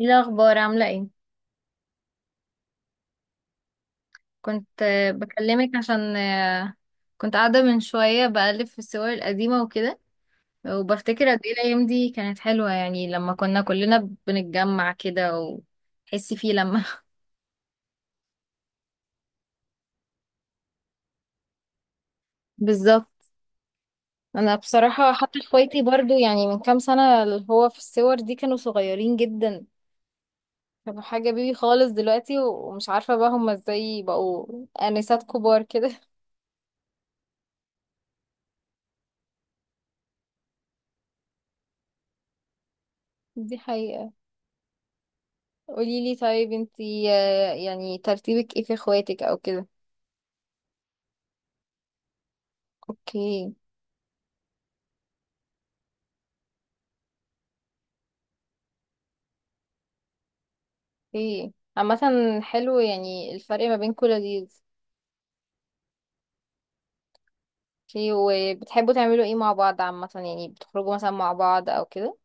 ايه الاخبار؟ عامله ايه؟ كنت بكلمك عشان كنت قاعده من شويه بقلب في الصور القديمه وكده، وبفتكر قد ايه الايام دي كانت حلوه، يعني لما كنا كلنا بنتجمع كده وتحسي فيه لما بالظبط. انا بصراحه حتى اخواتي برضو، يعني من كام سنه، اللي هو في الصور دي كانوا صغيرين جدا، كانوا حاجه بيبي خالص، دلوقتي ومش عارفه بقى هما ازاي بقوا انسات كبار كده. دي حقيقه. قوليلي طيب، انتي يعني ترتيبك ايه في اخواتك او كده؟ اوكي. اوكي. عامة حلو، يعني الفرق ما بينكوا لذيذ. اوكي، وبتحبوا تعملوا ايه مع بعض عامة؟ يعني بتخرجوا مثلا مع بعض او كده؟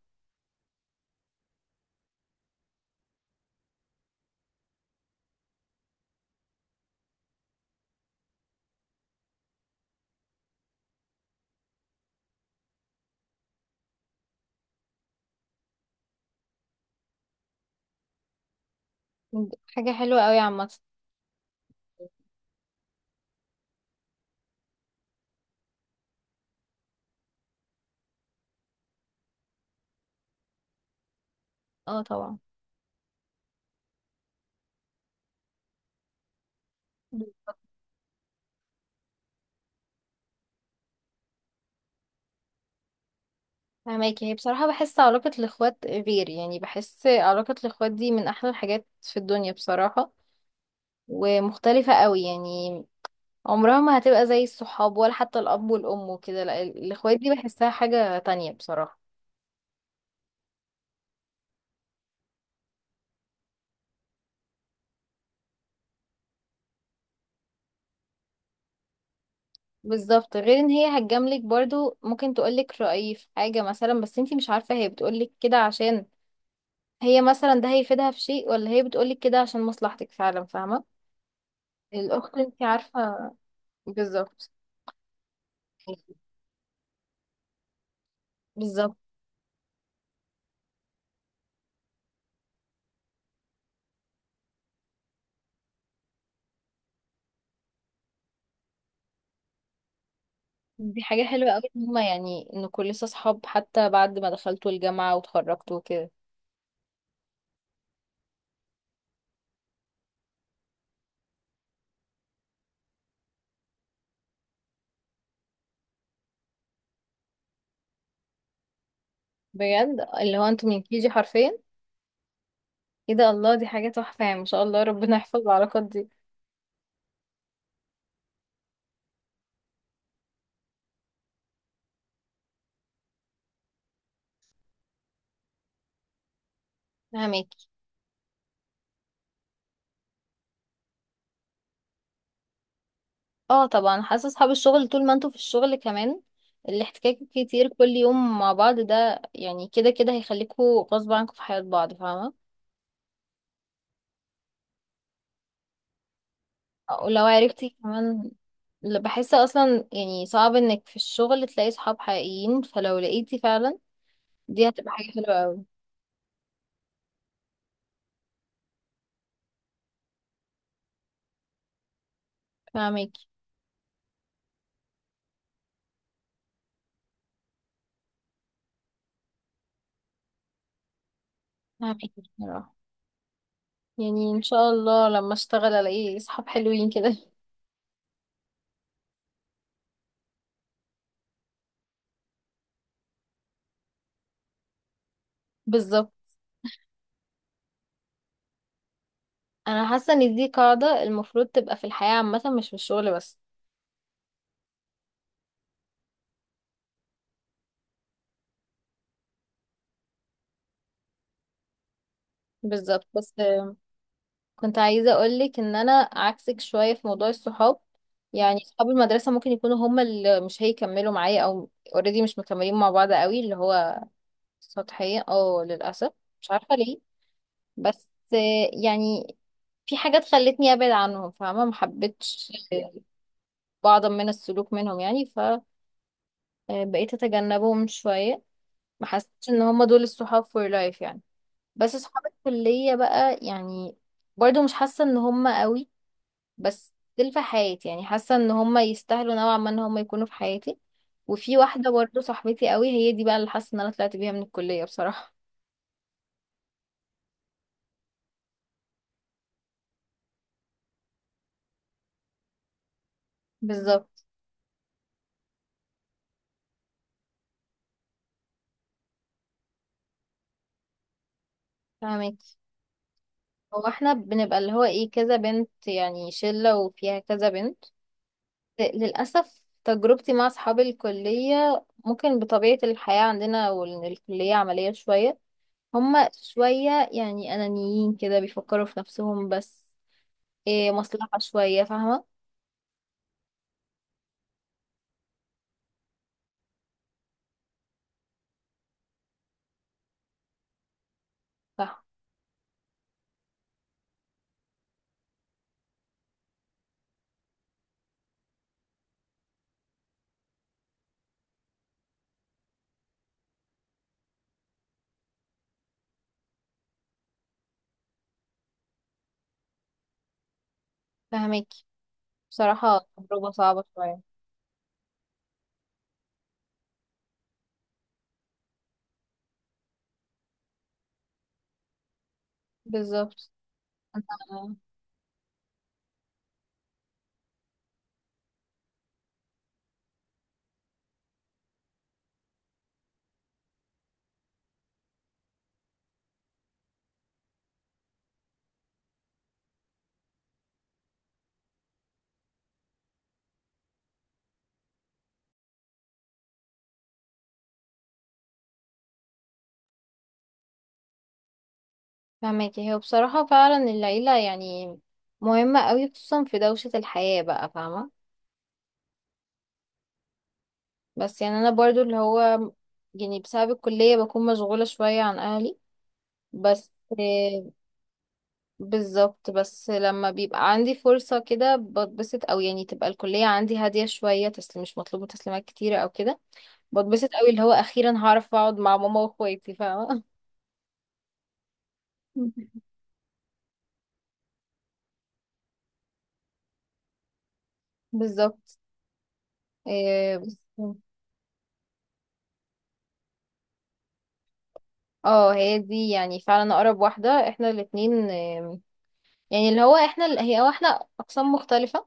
حاجة حلوة قوي عامة. اه طبعا. فهماكي، هي بصراحة بحس علاقة الإخوات غير، يعني بحس علاقة الإخوات دي من أحلى الحاجات في الدنيا بصراحة. ومختلفة قوي، يعني عمرها ما هتبقى زي الصحاب، ولا حتى الاب والام وكده، لا الاخوات دي بحسها حاجة تانية بصراحة. بالظبط، غير ان هي هتجاملك برضو، ممكن تقولك رأيي في حاجة مثلا، بس انتي مش عارفة هي بتقولك كده عشان هي مثلا ده هيفيدها في شيء، ولا هي بتقولك كده عشان مصلحتك فعلا، فاهمة. الاخت انتي عارفة. بالظبط. بالظبط. دي حاجة حلوة قوي ان هما، يعني ان كل لسه صحاب حتى بعد ما دخلتوا الجامعة وتخرجتوا وكده. بجد، اللي هو انتوا من كيجي حرفيا. ايه ده، الله، دي حاجة تحفة يعني، ما شاء الله، ربنا يحفظ العلاقات دي. فهماكي. اه طبعا، حاسة اصحاب الشغل طول ما انتوا في الشغل كمان، الاحتكاك كتير كل يوم مع بعض، ده يعني كده كده هيخليكوا غصب عنكم في حياة بعض، فاهمة. ولو عرفتي كمان، بحس اصلا، يعني صعب انك في الشغل تلاقي صحاب حقيقيين، فلو لقيتي فعلا دي هتبقى حاجة حلوة قوي. فهماكي. فهماكي. بصراحة يعني ان شاء الله لما اشتغل الاقي صحاب حلوين كده. بالظبط. انا حاسه ان دي قاعده المفروض تبقى في الحياه عامه، مش في الشغل بس. بالظبط. بس كنت عايزه اقولك ان انا عكسك شويه في موضوع الصحاب. يعني صحاب المدرسه ممكن يكونوا هما اللي مش هيكملوا معايا، او اوريدي مش مكملين مع بعض قوي، اللي هو سطحيه اه للاسف. مش عارفه ليه. بس يعني في حاجات خلتني ابعد عنهم، فاهمه، ما حبيتش بعضا من السلوك منهم يعني. فبقيت اتجنبهم شويه. ما حسيتش ان هما دول الصحاب فور لايف يعني. بس اصحاب الكلية بقى يعني، برضو مش حاسة ان هم قوي، بس دول في حياتي، يعني حاسة ان هم يستاهلوا نوعا ما ان هم يكونوا في حياتي. وفي واحدة برضو صاحبتي قوي، هي دي بقى اللي حاسة ان انا طلعت بيها من الكلية بصراحة. بالظبط. فاهمك. هو احنا بنبقى اللي هو ايه، كذا بنت، يعني شلة وفيها كذا بنت. للأسف تجربتي مع اصحاب الكلية، ممكن بطبيعة الحياة عندنا والكلية عملية شوية، هما شوية يعني أنانيين كده، بيفكروا في نفسهم بس. إيه، مصلحة شوية، فاهمة. صح. فاهماكي. بصراحة تجربة صعبة شوية. بالظبط. أنا فاهماكي. هو بصراحة فعلا العيلة يعني مهمة أوي، خصوصا في دوشة الحياة بقى، فاهمة. بس يعني أنا برضو اللي هو، يعني بسبب الكلية بكون مشغولة شوية عن أهلي بس. آه، بالظبط، بس لما بيبقى عندي فرصة كده بتبسط، أو يعني تبقى الكلية عندي هادية شوية، تسليم مش مطلوبة تسليمات كتيرة أو كده، بتبسط أوي، اللي هو أخيرا هعرف أقعد مع ماما وأخواتي، فاهمة. بالظبط. إيه بس. اه، هي دي يعني فعلا أقرب واحدة، احنا الاتنين يعني اللي هو احنا هي، هو احنا أقسام مختلفة.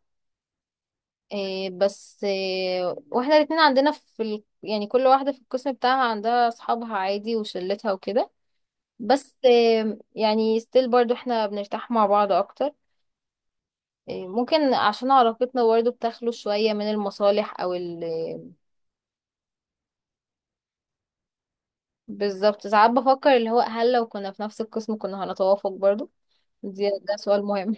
إيه بس إيه، واحنا الاتنين عندنا في ال... يعني كل واحدة في القسم بتاعها عندها أصحابها عادي، وشلتها وكده. بس يعني ستيل برضو احنا بنرتاح مع بعض اكتر. ممكن عشان علاقتنا برضو بتخلو شوية من المصالح او ال. بالظبط. ساعات بفكر اللي هو هل لو كنا في نفس القسم كنا هنتوافق برضو؟ دي ده سؤال مهم.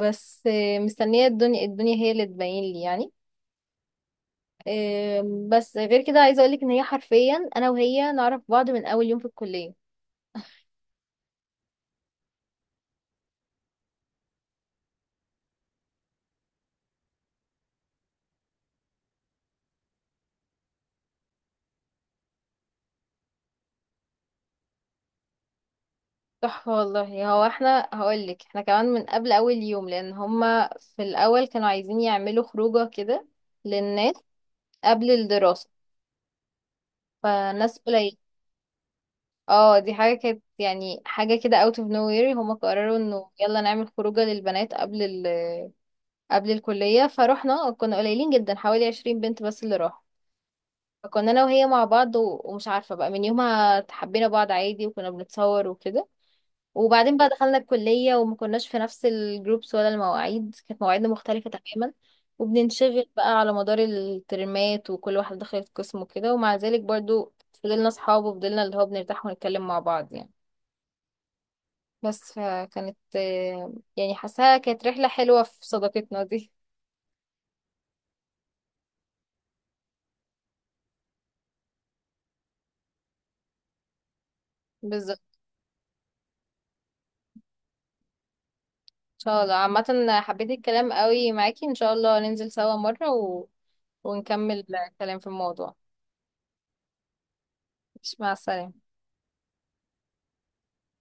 بس مستنية الدنيا، الدنيا هي اللي تبين لي يعني. بس غير كده عايزة اقولك ان هي حرفيا انا وهي نعرف بعض من اول يوم في الكلية. تحفة والله. هو احنا هقولك احنا كمان من قبل اول يوم، لان هما في الاول كانوا عايزين يعملوا خروجة كده للناس قبل الدراسة، فناس قليل. اه، دي حاجة كانت يعني حاجة كده out of nowhere، هما قرروا انه يلا نعمل خروجة للبنات قبل ال... قبل الكلية. فروحنا كنا قليلين جدا، حوالي 20 بنت بس اللي راحوا. فكنا انا وهي مع بعض و... ومش عارفة بقى من يومها حبينا بعض عادي، وكنا بنتصور وكده. وبعدين بقى دخلنا الكلية، وما كناش في نفس الجروبس، ولا المواعيد، كانت مواعيدنا مختلفة تماما، وبننشغل بقى على مدار الترمات وكل واحد دخلت قسم وكده، ومع ذلك برضو فضلنا صحاب، وفضلنا اللي هو بنرتاح ونتكلم مع بعض يعني. بس فكانت يعني حاساها كانت رحلة حلوة في صداقتنا دي. بالظبط. ان شاء الله عامة حبيت الكلام قوي معاكي، ان شاء الله ننزل سوا مرة و... ونكمل الكلام في الموضوع. مش مع السلامة.